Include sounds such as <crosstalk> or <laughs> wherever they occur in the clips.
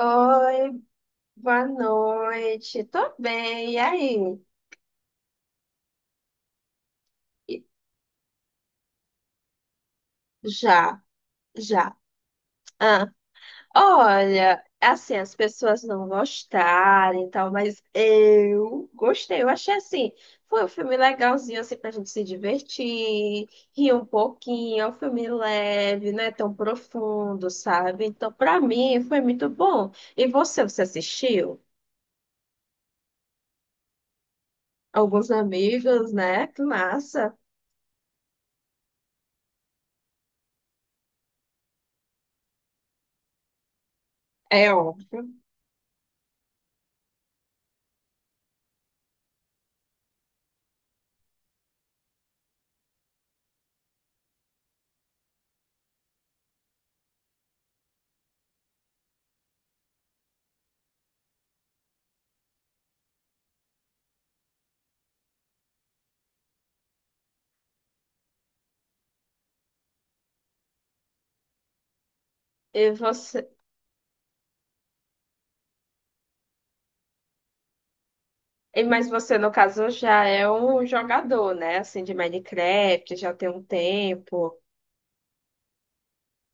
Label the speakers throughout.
Speaker 1: Oi, boa noite. Tô bem, e aí? E- Já, já. Ah, Olha, assim, as pessoas não gostarem e tal, mas eu gostei. Eu achei assim, foi um filme legalzinho, assim, pra gente se divertir, rir um pouquinho. É um filme leve, não é tão profundo, sabe? Então, pra mim, foi muito bom. E você, você assistiu? Alguns amigos, né? Que massa. É óbvio. E você Mas você, no caso, já é um jogador, né? Assim, de Minecraft, já tem um tempo.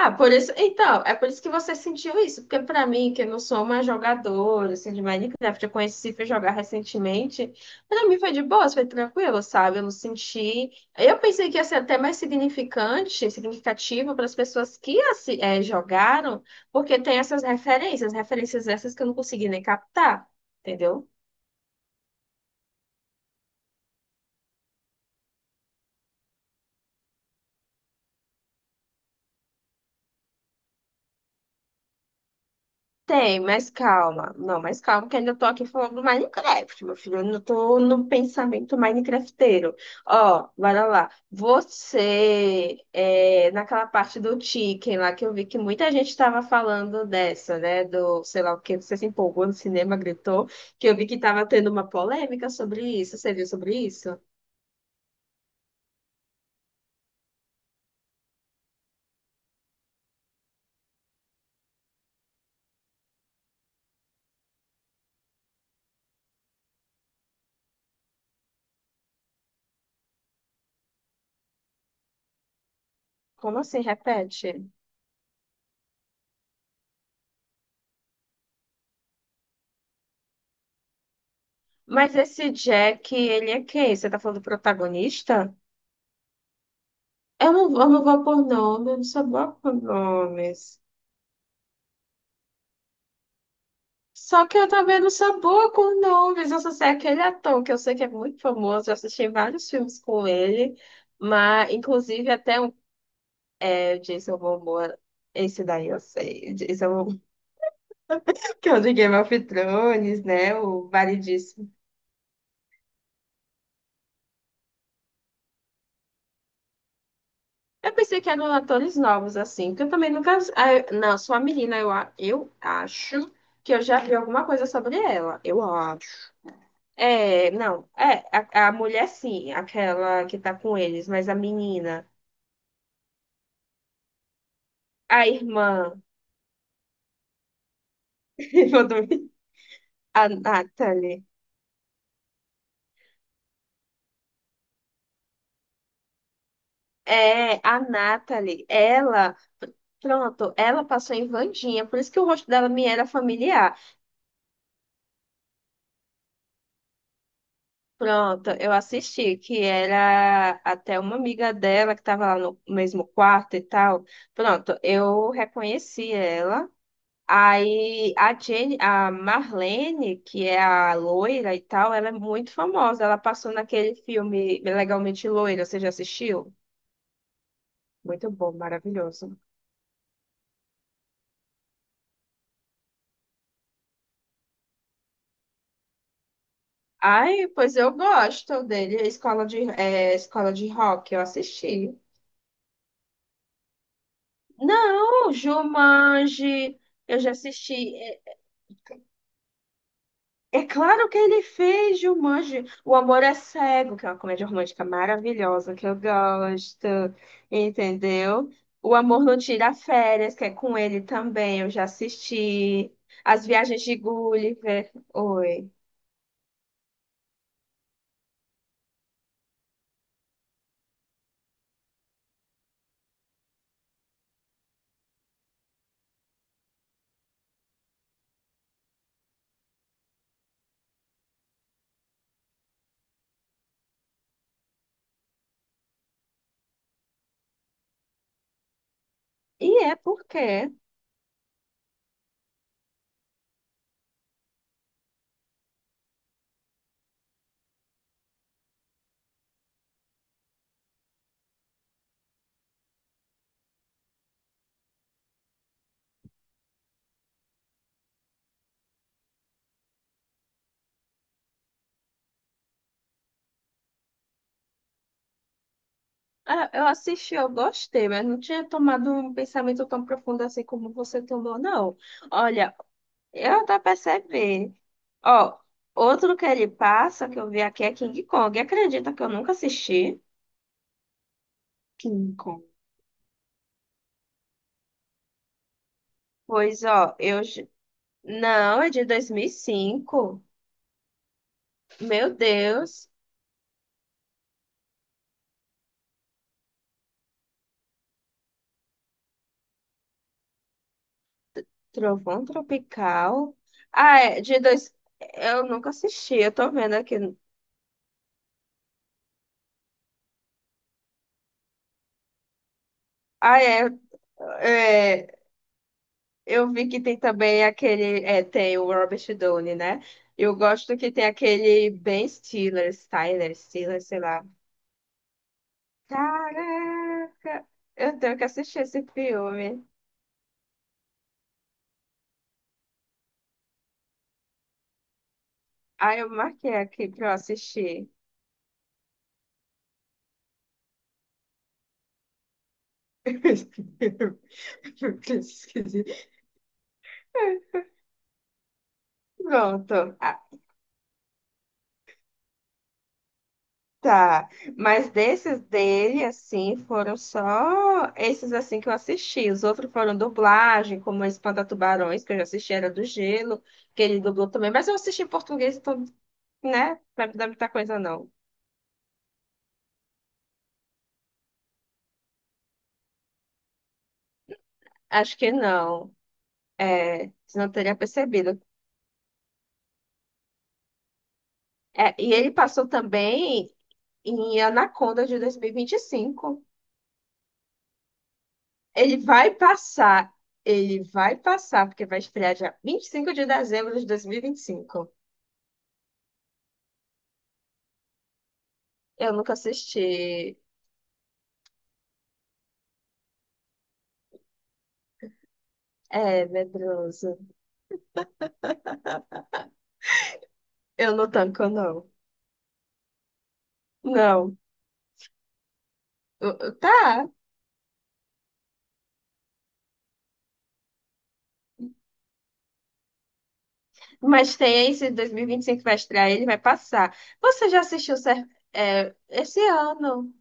Speaker 1: Ah, por isso. Então, é por isso que você sentiu isso. Porque, pra mim, que eu não sou uma jogadora, assim, de Minecraft, eu conheci, fui jogar recentemente. Pra mim foi de boa, foi tranquilo, sabe? Eu não senti. Eu pensei que ia ser até mais significante, significativo para as pessoas que jogaram, porque tem essas referências, referências essas que eu não consegui nem captar, entendeu? Tem, mas calma. Não, mas calma, que ainda tô aqui falando do Minecraft, meu filho. Eu não tô no pensamento Minecrafteiro. Ó, bora lá. Naquela parte do Chicken lá, que eu vi que muita gente tava falando dessa, né? Do, sei lá o que, você se empolgou no cinema, gritou, que eu vi que tava tendo uma polêmica sobre isso. Você viu sobre isso? Como assim? Repete. Mas esse Jack, ele é quem? Você tá falando do protagonista? Eu não vou por nome, eu não sou boa por nomes. Só que eu também não sou boa com nomes. Eu só sei aquele ator que eu sei que é muito famoso. Eu assisti vários filmes com ele, mas inclusive até um é, o Jason Momoa. Esse daí eu sei. O Jason Momoa, <laughs> que é o de Game of Thrones, né? O variedíssimo. Eu pensei que eram atores novos, assim, porque eu também nunca. Ah, eu- Não, sou uma menina, eu acho que eu já vi alguma coisa sobre ela. Eu acho. É, não, é, A, a mulher sim, aquela que tá com eles, mas a menina, a irmã, <laughs> irmã do- a Natalie, a Natalie, pronto, ela passou em Vandinha, por isso que o rosto dela me era familiar. Pronto, eu assisti, que era até uma amiga dela que tava lá no mesmo quarto e tal. Pronto, eu reconheci ela. Aí a Jenny, a Marlene, que é a loira e tal, ela é muito famosa. Ela passou naquele filme Legalmente Loira, você já assistiu? Muito bom, maravilhoso. Ai, pois eu gosto dele. Escola de, é, Escola de Rock, eu assisti. Não, Jumanji, eu já assisti. É claro que ele fez, Jumanji. O Amor é Cego, que é uma comédia romântica maravilhosa que eu gosto, entendeu? O Amor Não Tira Férias, que é com ele também, eu já assisti. As Viagens de Gulliver. Oi. E é porque Ah, eu assisti, eu gostei, mas não tinha tomado um pensamento tão profundo assim como você tomou, não. Olha, eu tô percebendo. Ó, outro que ele passa que eu vi aqui é King Kong. Acredita que eu nunca assisti? King Kong. Pois, ó, eu... j- Não, é de 2005. Meu Deus. Trovão Tropical. Ah, é de dois... Eu nunca assisti, eu tô vendo aqui. Ah, é... é, Eu vi que tem também aquele... É, tem o Robert Downey, né? Eu gosto que tem aquele Ben Stiller, Styler, Stiller, sei lá. Caraca! Eu tenho que assistir esse filme. Aí eu marquei aqui pra eu assistir. <laughs> Eu esqueci. Pronto. Ah, tá. Mas desses dele, assim, foram só esses assim que eu assisti. Os outros foram dublagem, como Espanta-Tubarões, que eu já assisti, era do Gelo, que ele dublou também. Mas eu assisti em português, então, né? Não dá muita coisa, não. Acho que não. É, senão eu teria percebido. É, e ele passou também em Anaconda de 2025. Ele vai passar, ele vai passar, porque vai estrear dia 25 de dezembro de 2025. Eu nunca assisti. É, medroso. Eu não tanco, não. Não. Tá. Mas tem esse 2025 que vai estrear, ele vai passar. Você já assistiu cer- é, esse ano?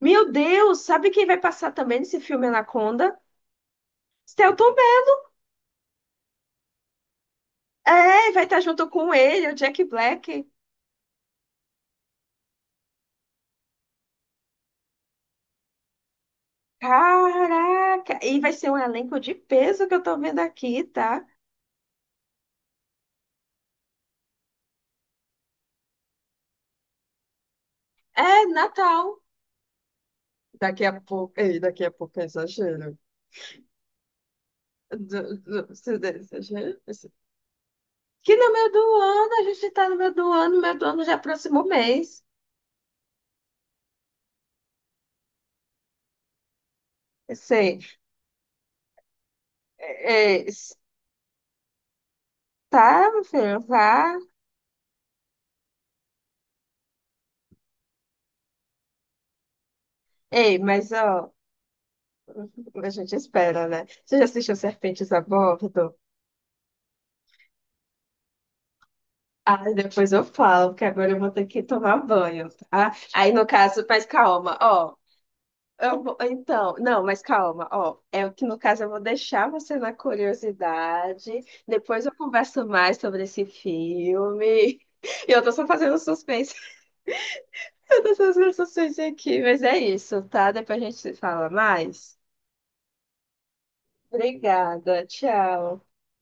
Speaker 1: Meu Deus, sabe quem vai passar também nesse filme Anaconda? Selton Mello. É, vai estar junto com ele, o Jack Black. Caraca! E vai ser um elenco de peso que eu tô vendo aqui, tá? É Natal. Daqui a pouco. Ei, daqui a pouco é exagero. Se der exagero. Que no meio do ano, a gente tá no meio do ano, no meio do ano já é próximo mês. Sei. É, é, s- tá, meu filho, vá. Ei, mas ó, a gente espera, né? Você já assistiu Serpentes a Bordo? Ah, depois eu falo, porque agora eu vou ter que tomar banho, tá? Aí, no caso, mas calma, ó. Não, mas calma, ó, é o que no caso eu vou deixar você na curiosidade, depois eu converso mais sobre esse filme. <laughs> Eu tô só fazendo suspense, <laughs> eu tô só fazendo suspense aqui, mas é isso, tá? Depois a gente se fala mais. Obrigada, tchau.